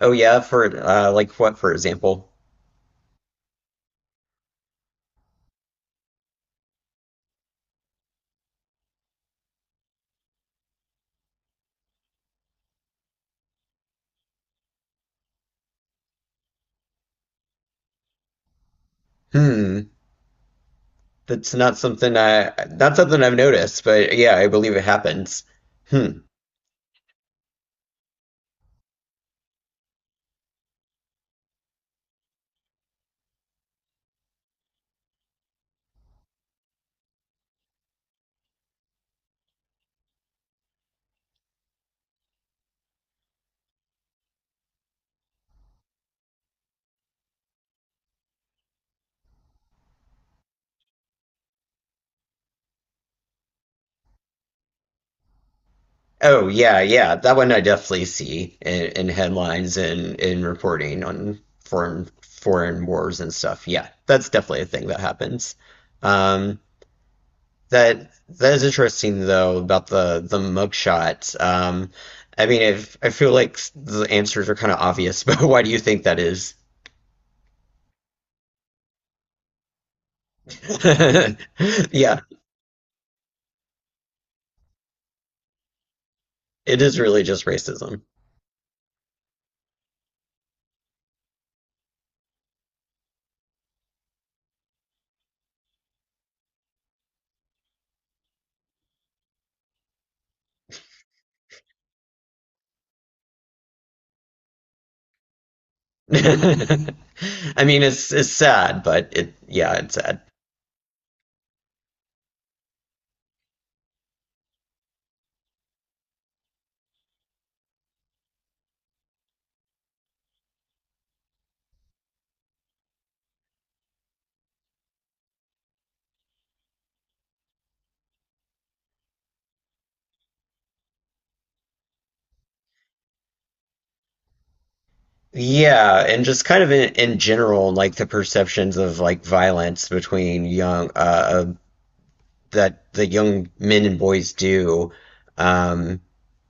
Oh yeah, for like what, for example? Hmm, that's not something I not something I've noticed, but yeah, I believe it happens. Hmm. Oh yeah, yeah, that one I definitely see in headlines and in reporting on foreign wars and stuff. Yeah, that's definitely a thing that happens. Um, that is interesting though about the mugshot. I mean, if I feel like the answers are kind of obvious, but why do you think that is? Yeah, it is really just racism. I mean, it's sad, but it yeah, it's sad. Yeah, and just kind of in general, like the perceptions of like violence between young that the young men and boys do. Um,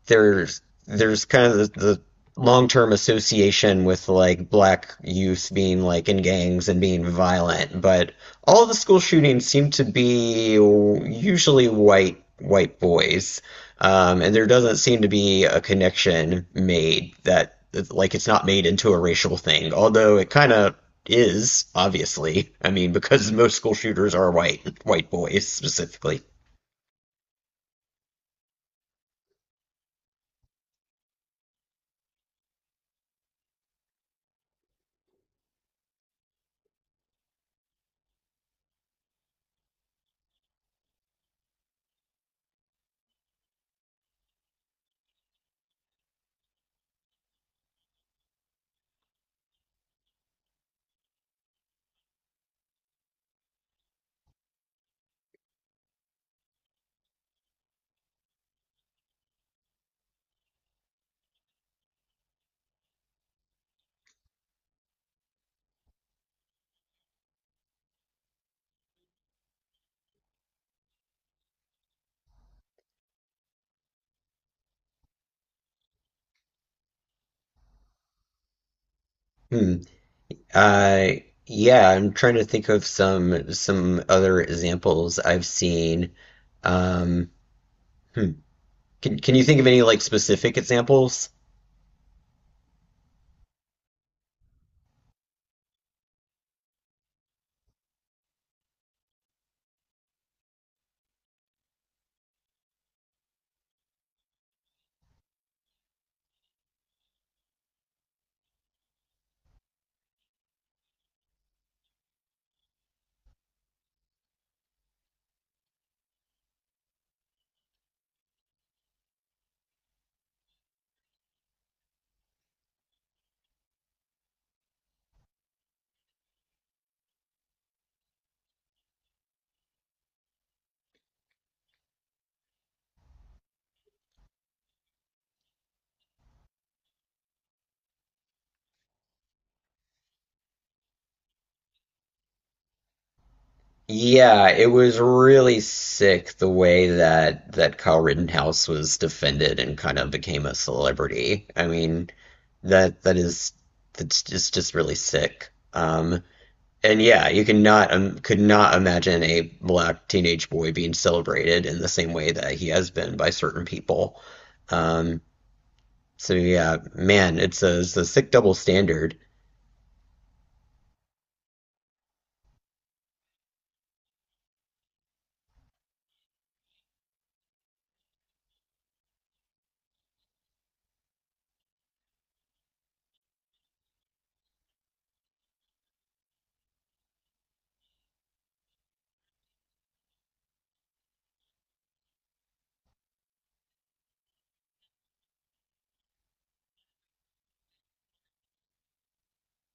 there's there's kind of the long term association with like black youth being like in gangs and being violent, but all the school shootings seem to be usually white boys, and there doesn't seem to be a connection made that like it's not made into a racial thing, although it kind of is obviously. I mean, because most school shooters are white boys specifically. Hmm. Uh, yeah, I'm trying to think of some other examples I've seen. Um, hmm. Can you think of any like specific examples? Yeah, it was really sick the way that Kyle Rittenhouse was defended and kind of became a celebrity. I mean, that that is that's just really sick. And yeah, you cannot could not imagine a black teenage boy being celebrated in the same way that he has been by certain people. Um, so yeah, man, it's a sick double standard.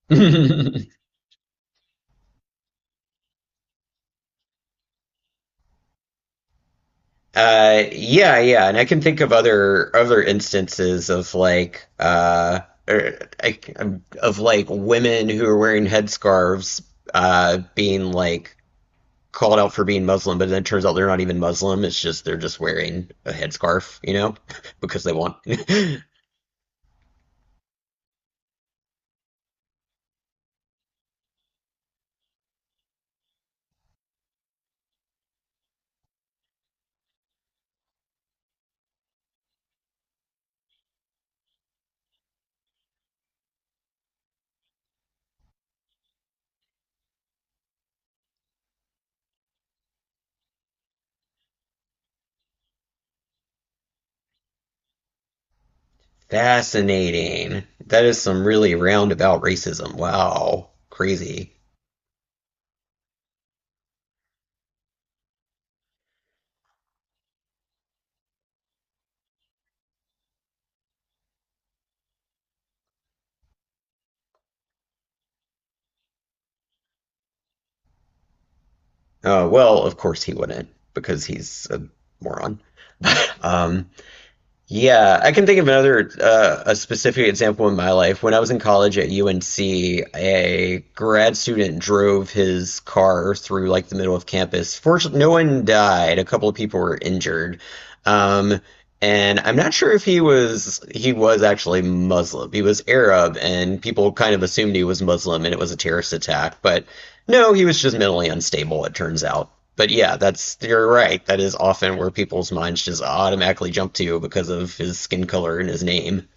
Yeah, yeah, and I can think of other instances of like or, of like women who are wearing headscarves being like called out for being Muslim, but then it turns out they're not even Muslim. It's just they're just wearing a headscarf, you know, because they want. Fascinating. That is some really roundabout racism. Wow, crazy. Well, of course he wouldn't because he's a moron. Um, yeah, I can think of another a specific example in my life. When I was in college at UNC, a grad student drove his car through like the middle of campus. Fortunately, no one died. A couple of people were injured. Um, and I'm not sure if he was actually Muslim. He was Arab, and people kind of assumed he was Muslim, and it was a terrorist attack. But no, he was just mentally unstable, it turns out. But yeah, that's you're right. That is often where people's minds just automatically jump to because of his skin color and his name.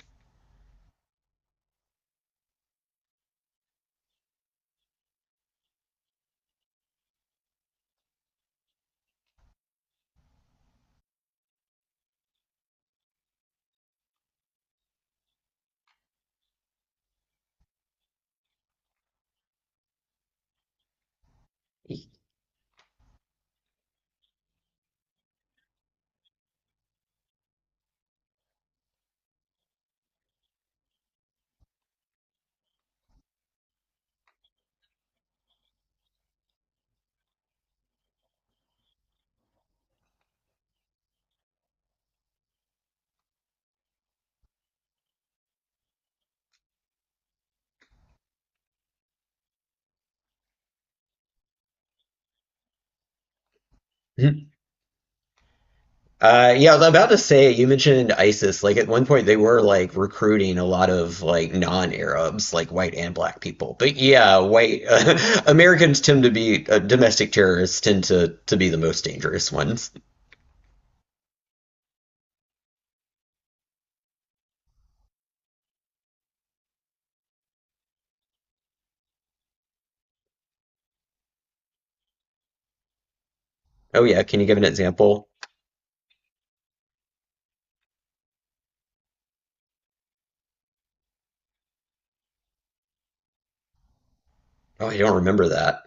Yeah, I was about to say you mentioned ISIS. Like at one point, they were like recruiting a lot of like non-Arabs, like white and black people. But yeah, white Americans tend to be domestic terrorists tend to be the most dangerous ones. Oh yeah, can you give an example? Oh, I don't remember that.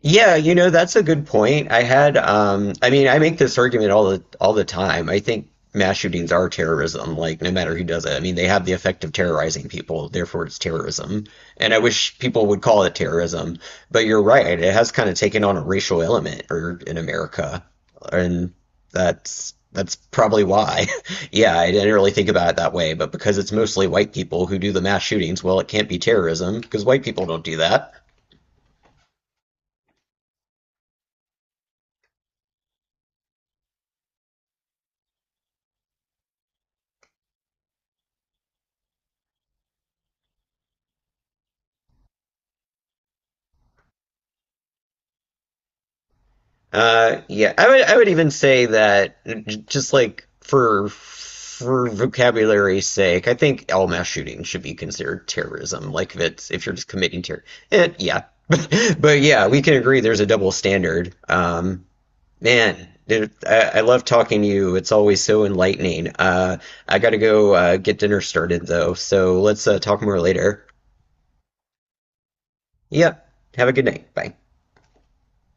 Yeah, you know, that's a good point. I had, I make this argument all the time. I think mass shootings are terrorism, like no matter who does it. I mean, they have the effect of terrorizing people, therefore it's terrorism. And I wish people would call it terrorism, but you're right. It has kind of taken on a racial element or in America, and that's probably why. Yeah, I didn't really think about it that way, but because it's mostly white people who do the mass shootings, well, it can't be terrorism because white people don't do that. Yeah, I would even say that j- just like for vocabulary's sake, I think all mass shooting should be considered terrorism. Like if it's if you're just committing terror, yeah. But yeah, we can agree there's a double standard. Man, dude, I love talking to you. It's always so enlightening. I gotta go get dinner started though, so let's talk more later. Yep. Have a good night. Bye.